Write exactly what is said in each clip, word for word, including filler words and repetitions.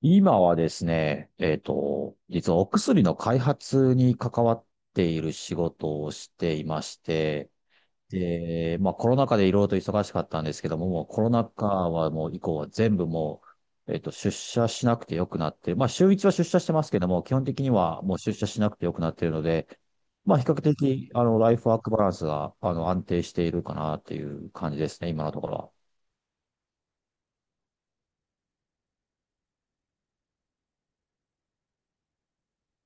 今はですね、えっと、実はお薬の開発に関わっている仕事をしていまして、で、まあコロナ禍でいろいろと忙しかったんですけども、もうコロナ禍はもう以降は全部もう、えっと、出社しなくてよくなって、まあ週一は出社してますけども、基本的にはもう出社しなくてよくなっているので、まあ比較的、あの、ライフワークバランスが、あの、安定しているかなっていう感じですね、今のところは。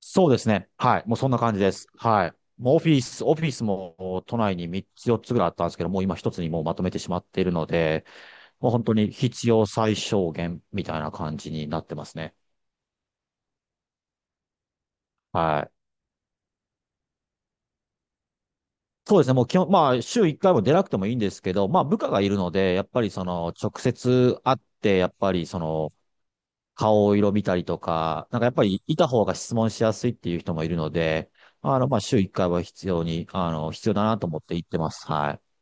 そうですね。はい。もうそんな感じです。はい。もうオフィス、オフィスも都内にみっつよっつぐらいあったんですけど、もう今一つにもうまとめてしまっているので、もう本当に必要最小限みたいな感じになってますね。はい。そうですね。もう基本、まあ週いっかいも出なくてもいいんですけど、まあ部下がいるので、やっぱりその直接会って、やっぱりその顔色見たりとか、なんかやっぱりいた方が質問しやすいっていう人もいるので、あの、まあ週いっかいは必要に、あの、必要だなと思って行ってます。はい。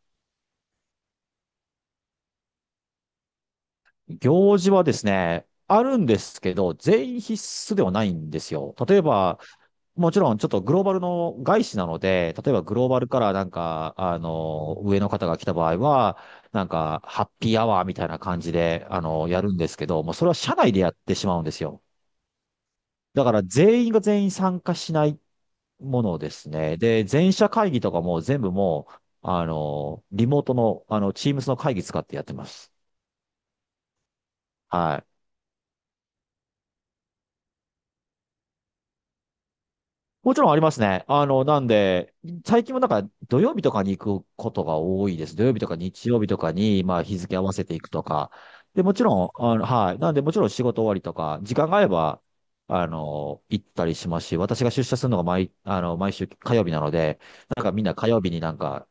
行事はですね、あるんですけど、全員必須ではないんですよ。例えば、もちろんちょっとグローバルの外資なので、例えばグローバルからなんか、あの、上の方が来た場合は、なんか、ハッピーアワーみたいな感じで、あの、やるんですけど、もうそれは社内でやってしまうんですよ。だから全員が全員参加しないものですね。で、全社会議とかも全部もう、あの、リモートの、あの、Teams の会議使ってやってます。はい。もちろんありますね。あの、なんで、最近もなんか土曜日とかに行くことが多いです。土曜日とか日曜日とかに、まあ日付合わせていくとか。で、もちろん、あの、はい。なんで、もちろん仕事終わりとか、時間があれば、あの、行ったりしますし、私が出社するのが毎、あの、毎週火曜日なので、なんかみんな火曜日になんか、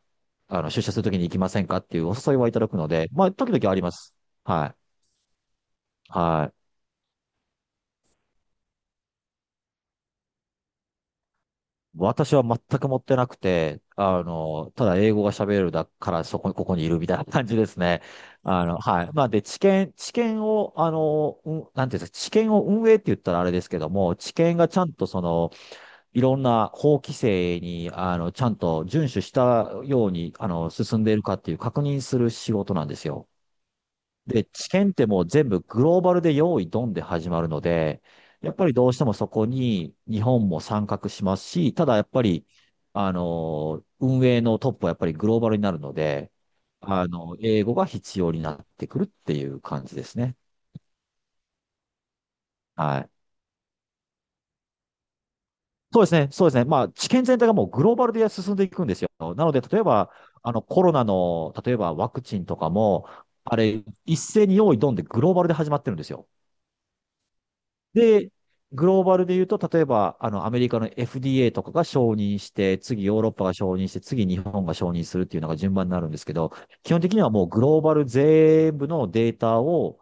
あの、出社するときに行きませんかっていうお誘いはいただくので、まあ、時々あります。はい。はい。私は全く持ってなくて、あの、ただ英語が喋れるだからそこに、ここにいるみたいな感じですね。あの、はい。まあ、で、知見、知見を、あの、うん、なんていうんですか、知見を運営って言ったらあれですけども、知見がちゃんとその、いろんな法規制に、あの、ちゃんと遵守したように、あの、進んでいるかっていう確認する仕事なんですよ。で、知見ってもう全部グローバルで用意ドンで始まるので、やっぱりどうしてもそこに日本も参画しますし、ただやっぱり、あの、運営のトップはやっぱりグローバルになるので、あの、英語が必要になってくるっていう感じですね。はい。そうですね。そうですね。まあ、知見全体がもうグローバルで進んでいくんですよ。なので、例えば、あの、コロナの、例えばワクチンとかも、あれ、一斉に用意ドンでグローバルで始まってるんですよ。で、グローバルで言うと、例えば、あの、アメリカの エフディーエー とかが承認して、次ヨーロッパが承認して、次日本が承認するっていうのが順番になるんですけど、基本的にはもうグローバル全部のデータを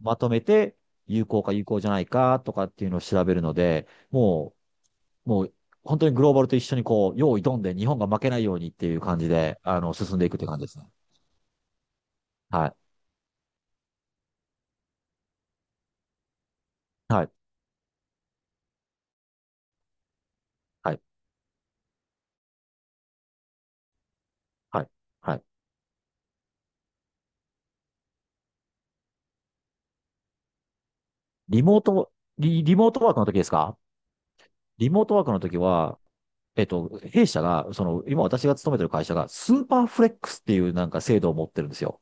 まとめて、有効か有効じゃないかとかっていうのを調べるので、もう、もう、本当にグローバルと一緒にこう、用意ドんで日本が負けないようにっていう感じで、あの、進んでいくって感じですね。はい。はい。はい。はい。はい。リモート、リ、リモートワークの時ですか？リモートワークの時は、えっと、弊社が、その、今私が勤めてる会社が、スーパーフレックスっていうなんか制度を持ってるんですよ。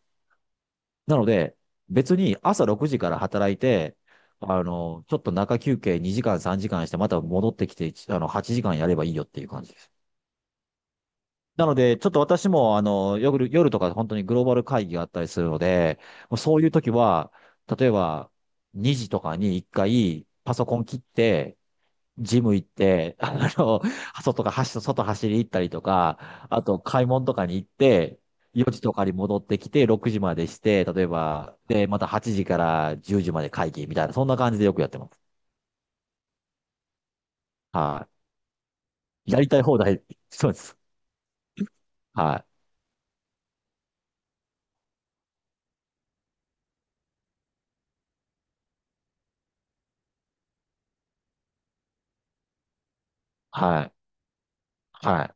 なので、別に朝ろくじから働いて、あの、ちょっと中休憩にじかんさんじかんして、また戻ってきて、あの、はちじかんやればいいよっていう感じです。なので、ちょっと私も、あの、夜、夜とか本当にグローバル会議があったりするので、もうそういう時は、例えば、にじとかにいっかい、パソコン切って、ジム行って、あの、外とか走、外走り行ったりとか、あと買い物とかに行って、よじとかに戻ってきて、ろくじまでして、例えば、で、またはちじからじゅうじまで会議みたいな、そんな感じでよくやってます。はい。やりたい放題、そうです。はい。はい。はい。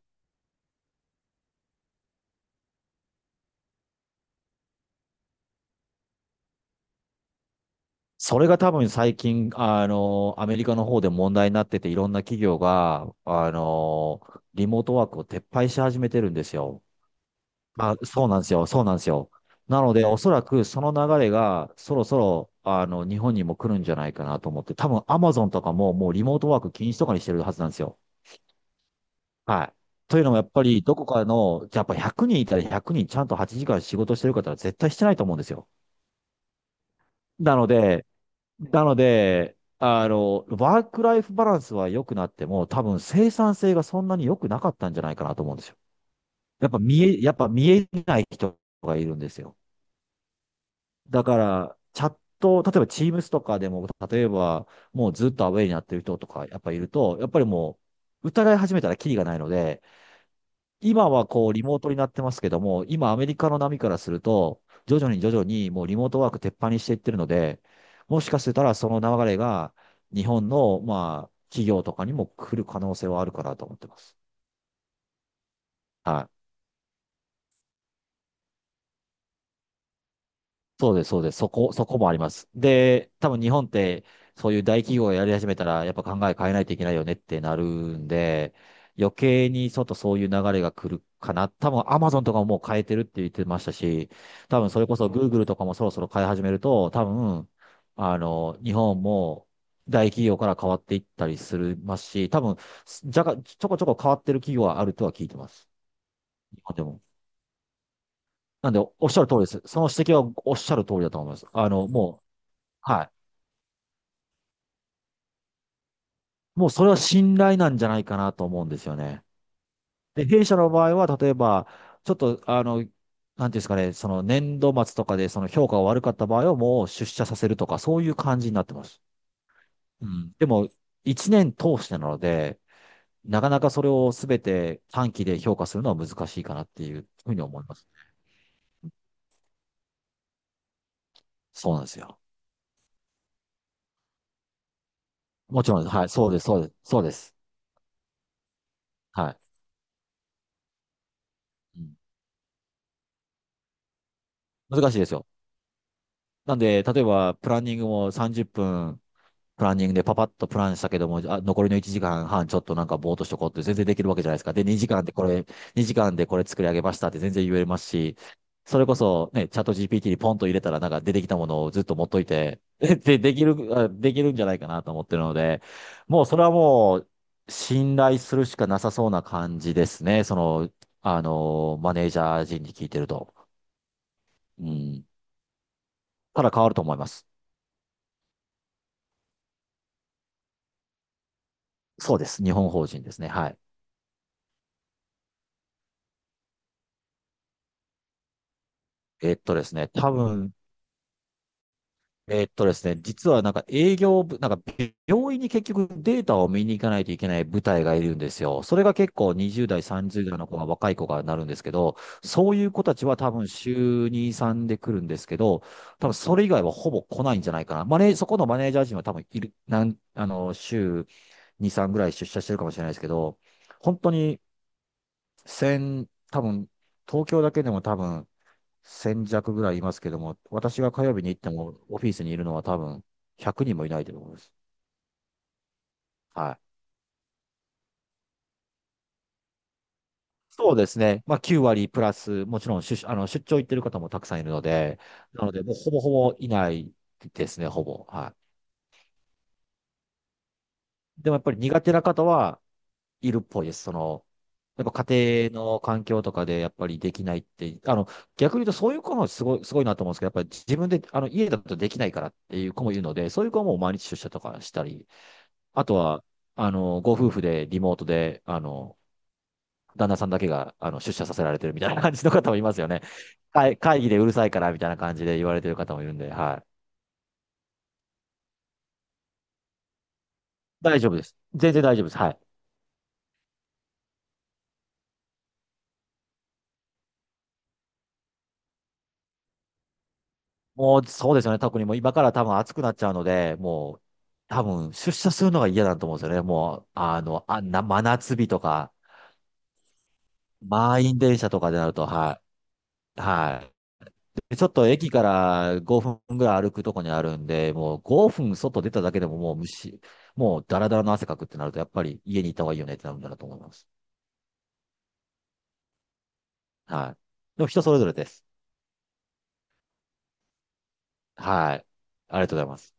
それが多分最近、あの、アメリカの方で問題になってて、いろんな企業が、あの、リモートワークを撤廃し始めてるんですよ。あ、そうなんですよ。そうなんですよ。なので、おそらくその流れがそろそろ、あの、日本にも来るんじゃないかなと思って、多分 Amazon とかももうリモートワーク禁止とかにしてるはずなんですよ。はい。というのもやっぱりどこかの、じゃあやっぱひゃくにんいたらひゃくにんちゃんとはちじかん仕事してる方は絶対してないと思うんですよ。なので、なので、あの、ワークライフバランスは良くなっても、多分生産性がそんなに良くなかったんじゃないかなと思うんですよ。やっぱ見え、やっぱ見えない人がいるんですよ。だから、チャット、例えば Teams とかでも、例えば、もうずっとアウェイになってる人とか、やっぱいると、やっぱりもう、疑い始めたらキリがないので、今はこう、リモートになってますけども、今アメリカの波からすると、徐々に徐々にもうリモートワーク鉄板にしていってるので、もしかしたらその流れが、日本の、まあ、企業とかにも来る可能性はあるかなと思ってます。はい。そうです、そうです。そこ、そこもあります。で、多分日本って、そういう大企業がやり始めたら、やっぱ考え変えないといけないよねってなるんで、余計にちょっとそういう流れが来るかな。多分アマゾンとかももう変えてるって言ってましたし、多分それこそ Google とかもそろそろ変え始めると、多分、あの、日本も大企業から変わっていったりするますし、多分、じゃが、ちょこちょこ変わってる企業はあるとは聞いてます。日本でも。なんで、おっしゃる通りです。その指摘はおっしゃる通りだと思います。あの、もう、はい。もうそれは信頼なんじゃないかなと思うんですよね。で、弊社の場合は、例えば、ちょっと、あの、なんていうんですかね、その年度末とかでその評価が悪かった場合はもう出社させるとか、そういう感じになってます。うん。でも、一年通してなので、なかなかそれをすべて短期で評価するのは難しいかなっていうふうに思います。そうなんですよ。もちろんです、はい、そうです、そうです、そうです。はい。うん難しいですよ。なんで、例えば、プランニングもさんじゅっぷん、プランニングでパパッとプランしたけども、あ、残りのいちじかんはんちょっとなんかぼーっとしとこうって全然できるわけじゃないですか。で、2時間でこれ、にじかんでこれ作り上げましたって全然言えますし、それこそね、チャット ジーピーティー にポンと入れたらなんか出てきたものをずっと持っといて、で、でできる、あできるんじゃないかなと思ってるので、もうそれはもう信頼するしかなさそうな感じですね。その、あの、マネージャー陣に聞いてると。うん。ただ変わると思います。そうです。日本法人ですね。はい。えっとですね、多分、えっとですね、実はなんか営業部、なんか病院に結局データを見に行かないといけない部隊がいるんですよ。それが結構にじゅう代、さんじゅう代の子が若い子がなるんですけど、そういう子たちは多分週に、さんで来るんですけど、多分それ以外はほぼ来ないんじゃないかな。マネー、そこのマネージャー陣は多分いる、なん、あの、週に、さんぐらい出社してるかもしれないですけど、本当に1多分東京だけでも多分せん弱ぐらいいますけども、私が火曜日に行ってもオフィスにいるのは多分ひゃくにんもいないと思います。はい。そうですね。まあきゅう割プラス、もちろん出、あの出張行ってる方もたくさんいるので、なのでもうほぼほぼいないですね、ほぼ。はい。でもやっぱり苦手な方はいるっぽいです。その、やっぱ家庭の環境とかでやっぱりできないって、あの、逆に言うとそういう子もすごい、すごいなと思うんですけど、やっぱり自分で、あの、家だとできないからっていう子もいるので、そういう子はもう毎日出社とかしたりあとは、あの、ご夫婦でリモートで、あの、旦那さんだけが、あの、出社させられてるみたいな感じの方もいますよね。会会議でうるさいからみたいな感じで言われてる方もいるんで、はい。大丈夫です。全然大丈夫です。はい。もう、そうですよね。特にもう今から多分暑くなっちゃうので、もう、多分出社するのが嫌だと思うんですよね。もう、あの、あんな真夏日とか、満員電車とかでなると、はい。はい。でちょっと駅からごふんぐらい歩くとこにあるんで、もう5分外出ただけでももう虫、もうダラダラの汗かくってなると、やっぱり家に行った方がいいよねってなるんだなと思います。はい。でも人それぞれです。はい。ありがとうございます。